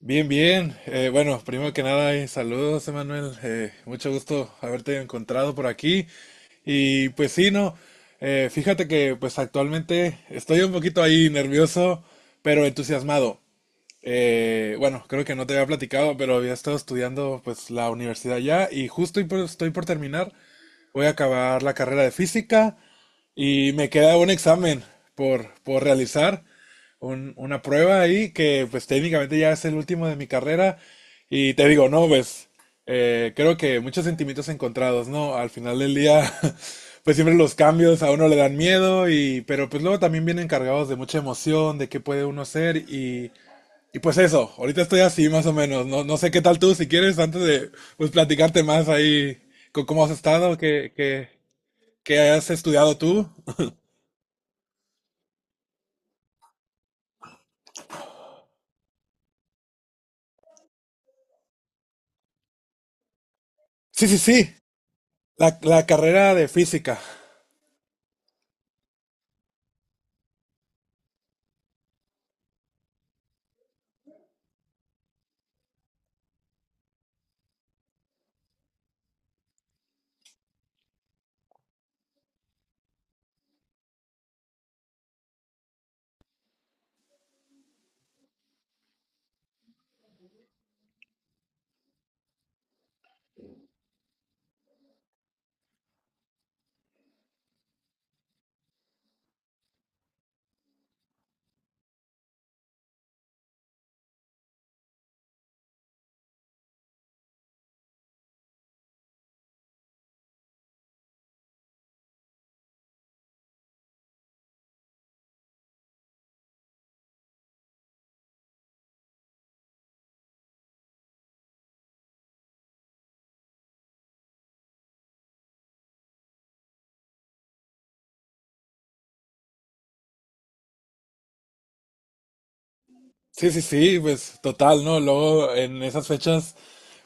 Bien, bien. Bueno, primero que nada, saludos, Emanuel. Mucho gusto haberte encontrado por aquí. Y pues sí, no. Fíjate que pues actualmente estoy un poquito ahí nervioso, pero entusiasmado. Bueno, creo que no te había platicado, pero había estado estudiando pues la universidad ya y estoy por terminar. Voy a acabar la carrera de física y me queda un examen por realizar, una prueba ahí que pues técnicamente ya es el último de mi carrera. Y te digo, no, pues creo que muchos sentimientos encontrados, ¿no? Al final del día, pues siempre los cambios a uno le dan miedo, y, pero pues luego también vienen cargados de mucha emoción, de qué puede uno ser y... Y pues eso, ahorita estoy así más o menos, no, no sé qué tal tú, si quieres, antes de pues, platicarte más ahí, con cómo has estado, qué, qué has estudiado tú. Sí, sí, sí. La carrera de física. Sí, sí, sí, pues total, ¿no? Luego en esas fechas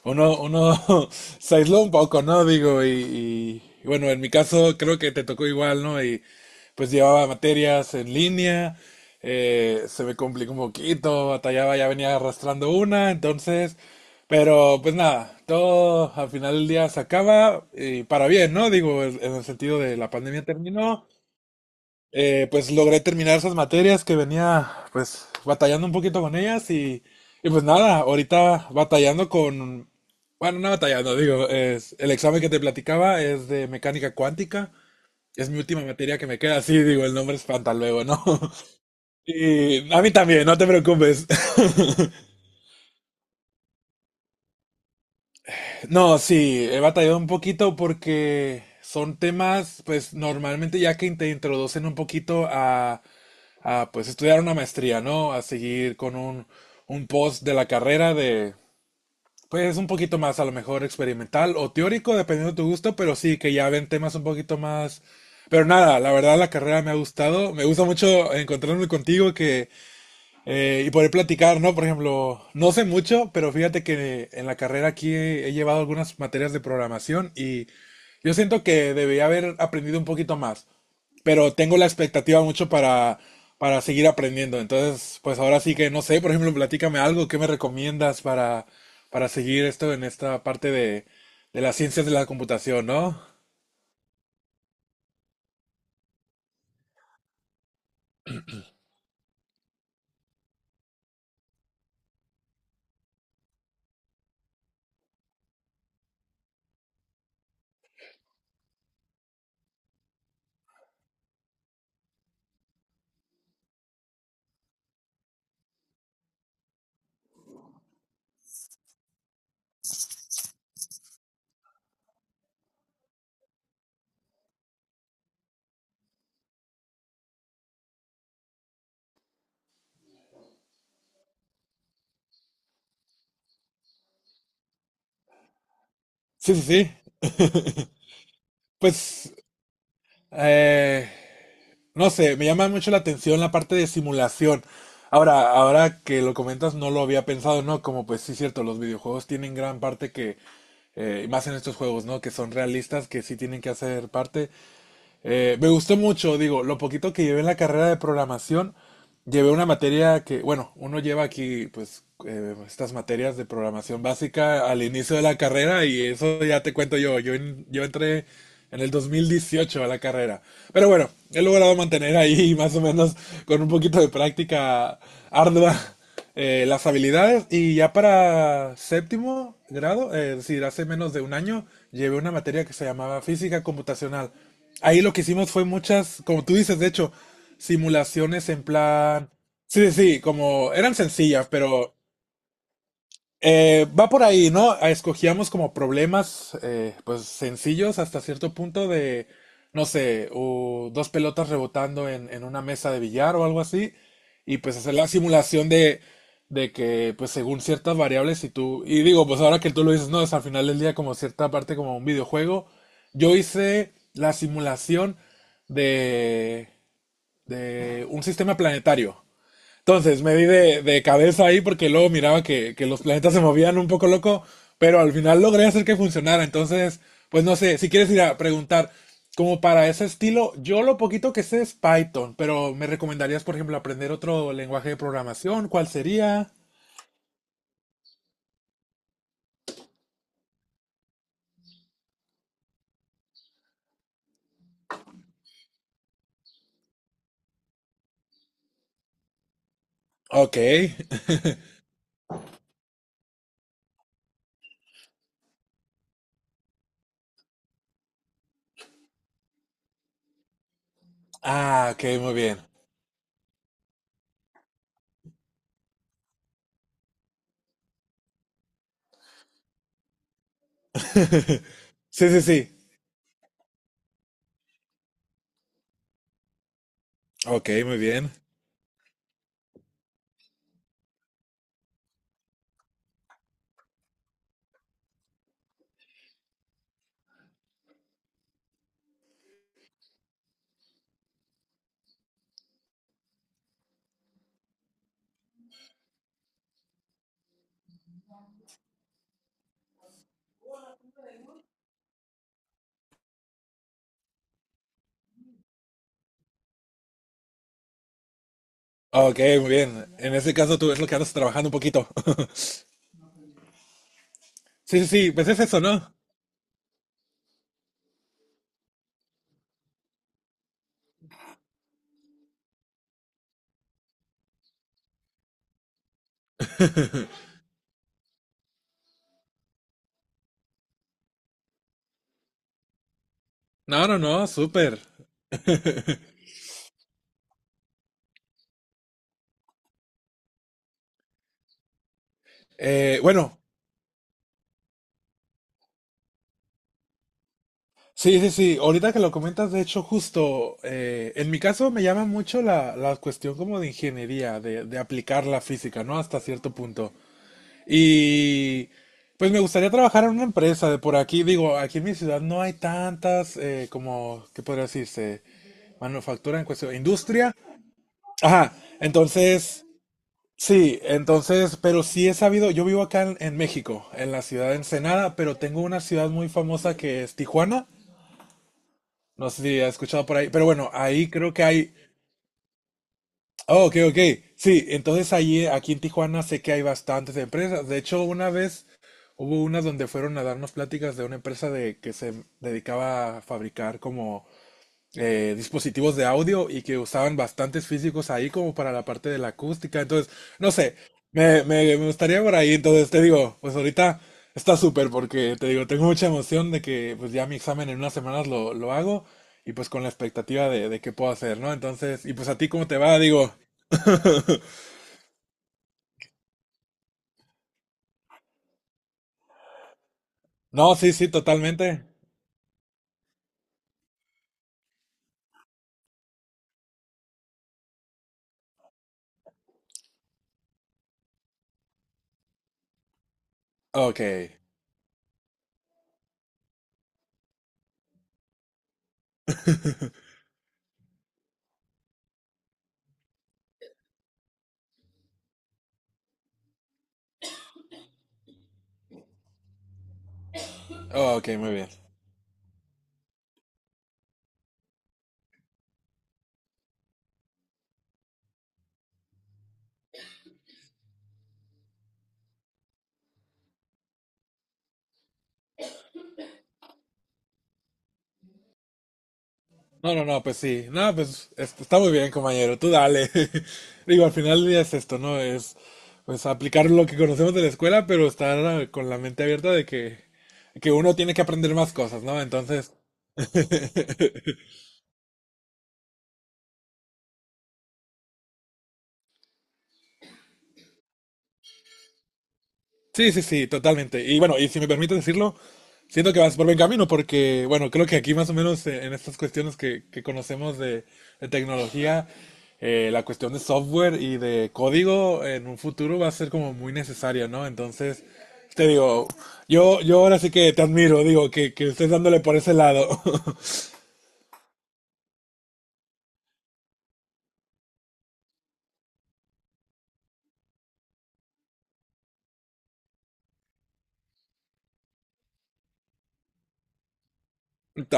uno se aisló un poco, ¿no? Digo, y bueno, en mi caso creo que te tocó igual, ¿no? Y pues llevaba materias en línea, se me complicó un poquito, batallaba, ya venía arrastrando una, entonces, pero pues nada, todo al final del día se acaba y para bien, ¿no? Digo, en el sentido de la pandemia terminó. Pues logré terminar esas materias que venía pues batallando un poquito con ellas y pues nada, ahorita batallando con, bueno, no batallando, digo, es, el examen que te platicaba es de mecánica cuántica, es mi última materia que me queda, así digo, el nombre espanta luego, ¿no? Y a mí también, no te preocupes. No, sí, he batallado un poquito porque son temas, pues normalmente ya que te introducen un poquito a pues estudiar una maestría, ¿no? A seguir con un post de la carrera de, pues un poquito más a lo mejor experimental o teórico, dependiendo de tu gusto, pero sí que ya ven temas un poquito más... Pero nada, la verdad la carrera me ha gustado, me gusta mucho encontrarme contigo que y poder platicar, ¿no? Por ejemplo, no sé mucho, pero fíjate que en la carrera aquí he llevado algunas materias de programación y yo siento que debería haber aprendido un poquito más, pero tengo la expectativa mucho para seguir aprendiendo. Entonces, pues ahora sí que no sé, por ejemplo, platícame algo, ¿qué me recomiendas para seguir esto en esta parte de las ciencias de la computación, ¿no? Sí, sí, sí. Pues, eh, no sé, me llama mucho la atención la parte de simulación. Ahora que lo comentas, no lo había pensado, ¿no? Como pues sí, cierto, los videojuegos tienen gran parte que, y más en estos juegos, ¿no? Que son realistas, que sí tienen que hacer parte. Me gustó mucho, digo, lo poquito que llevé en la carrera de programación, llevé una materia que, bueno, uno lleva aquí, pues, estas materias de programación básica al inicio de la carrera y eso ya te cuento yo. Yo, yo entré en el 2018 a la carrera. Pero bueno, he logrado mantener ahí más o menos con un poquito de práctica ardua las habilidades y ya para séptimo grado, es decir, hace menos de un año, llevé una materia que se llamaba física computacional. Ahí lo que hicimos fue muchas, como tú dices, de hecho, simulaciones en plan. Sí, sí, sí, como eran sencillas, pero va por ahí, ¿no? Ah, escogíamos como problemas, pues sencillos hasta cierto punto de, no sé, o dos pelotas rebotando en una mesa de billar o algo así, y pues hacer la simulación de que, pues según ciertas variables, si tú, y digo, pues ahora que tú lo dices, no, es al final del día como cierta parte como un videojuego, yo hice la simulación de, de un sistema planetario. Entonces me di de cabeza ahí porque luego miraba que los planetas se movían un poco loco, pero al final logré hacer que funcionara. Entonces, pues no sé, si quieres ir a preguntar como para ese estilo, yo lo poquito que sé es Python, pero ¿me recomendarías, por ejemplo, aprender otro lenguaje de programación? ¿Cuál sería? Ok. Ah, ok, muy bien. Sí, sí, sí. Ok, muy bien. Ok, muy bien. En ese caso tú es lo que andas trabajando un poquito. Sí, sí, sí, pues es eso, ¿no? No, no, no, súper. Bueno, sí, sí, sí. Ahorita que lo comentas, de hecho, justo en mi caso me llama mucho la cuestión como de ingeniería, de aplicar la física, ¿no? Hasta cierto punto. Y pues me gustaría trabajar en una empresa de por aquí. Digo, aquí en mi ciudad no hay tantas, como, ¿qué podría decirse? Manufactura en cuestión, industria. Ajá, entonces, sí, entonces, pero sí he sabido, yo vivo acá en México, en la ciudad de Ensenada, pero tengo una ciudad muy famosa que es Tijuana. No sé si has escuchado por ahí, pero bueno, ahí creo que hay... Oh, ok, ok. Sí, entonces allí aquí en Tijuana sé que hay bastantes empresas. De hecho, una vez hubo una donde fueron a darnos pláticas de una empresa de que se dedicaba a fabricar como dispositivos de audio y que usaban bastantes físicos ahí como para la parte de la acústica. Entonces, no sé, me gustaría por ahí. Entonces, te digo, pues ahorita está súper porque te digo, tengo mucha emoción de que pues ya mi examen en unas semanas lo hago y pues con la expectativa de qué puedo hacer, ¿no? Entonces, y pues a ti cómo te va, digo, no, sí, sí, totalmente. Ok, ok, muy bien. No, no, no, pues sí. No, pues es- está muy bien, compañero. Tú dale. Digo, al final del día es esto, ¿no? Es pues aplicar lo que conocemos de la escuela, pero estar ah, con la mente abierta de que uno tiene que aprender más cosas, ¿no? Entonces, sí, sí, sí, totalmente. Y bueno, y si me permites decirlo, siento que vas por buen camino porque, bueno, creo que aquí más o menos en estas cuestiones que conocemos de tecnología, la cuestión de software y de código en un futuro va a ser como muy necesaria, ¿no? Entonces, te digo, yo ahora sí que te admiro, digo, que estés dándole por ese lado.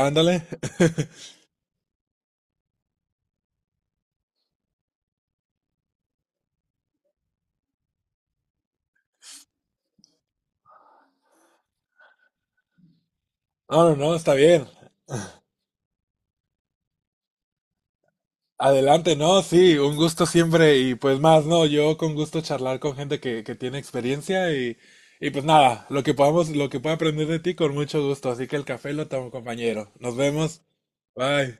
Ándale. No, no, no, está bien. Adelante, no, sí, un gusto siempre y pues más, no, yo con gusto charlar con gente que tiene experiencia y pues nada, lo que podamos, lo que pueda aprender de ti con mucho gusto, así que el café lo tomo, compañero. Nos vemos, bye.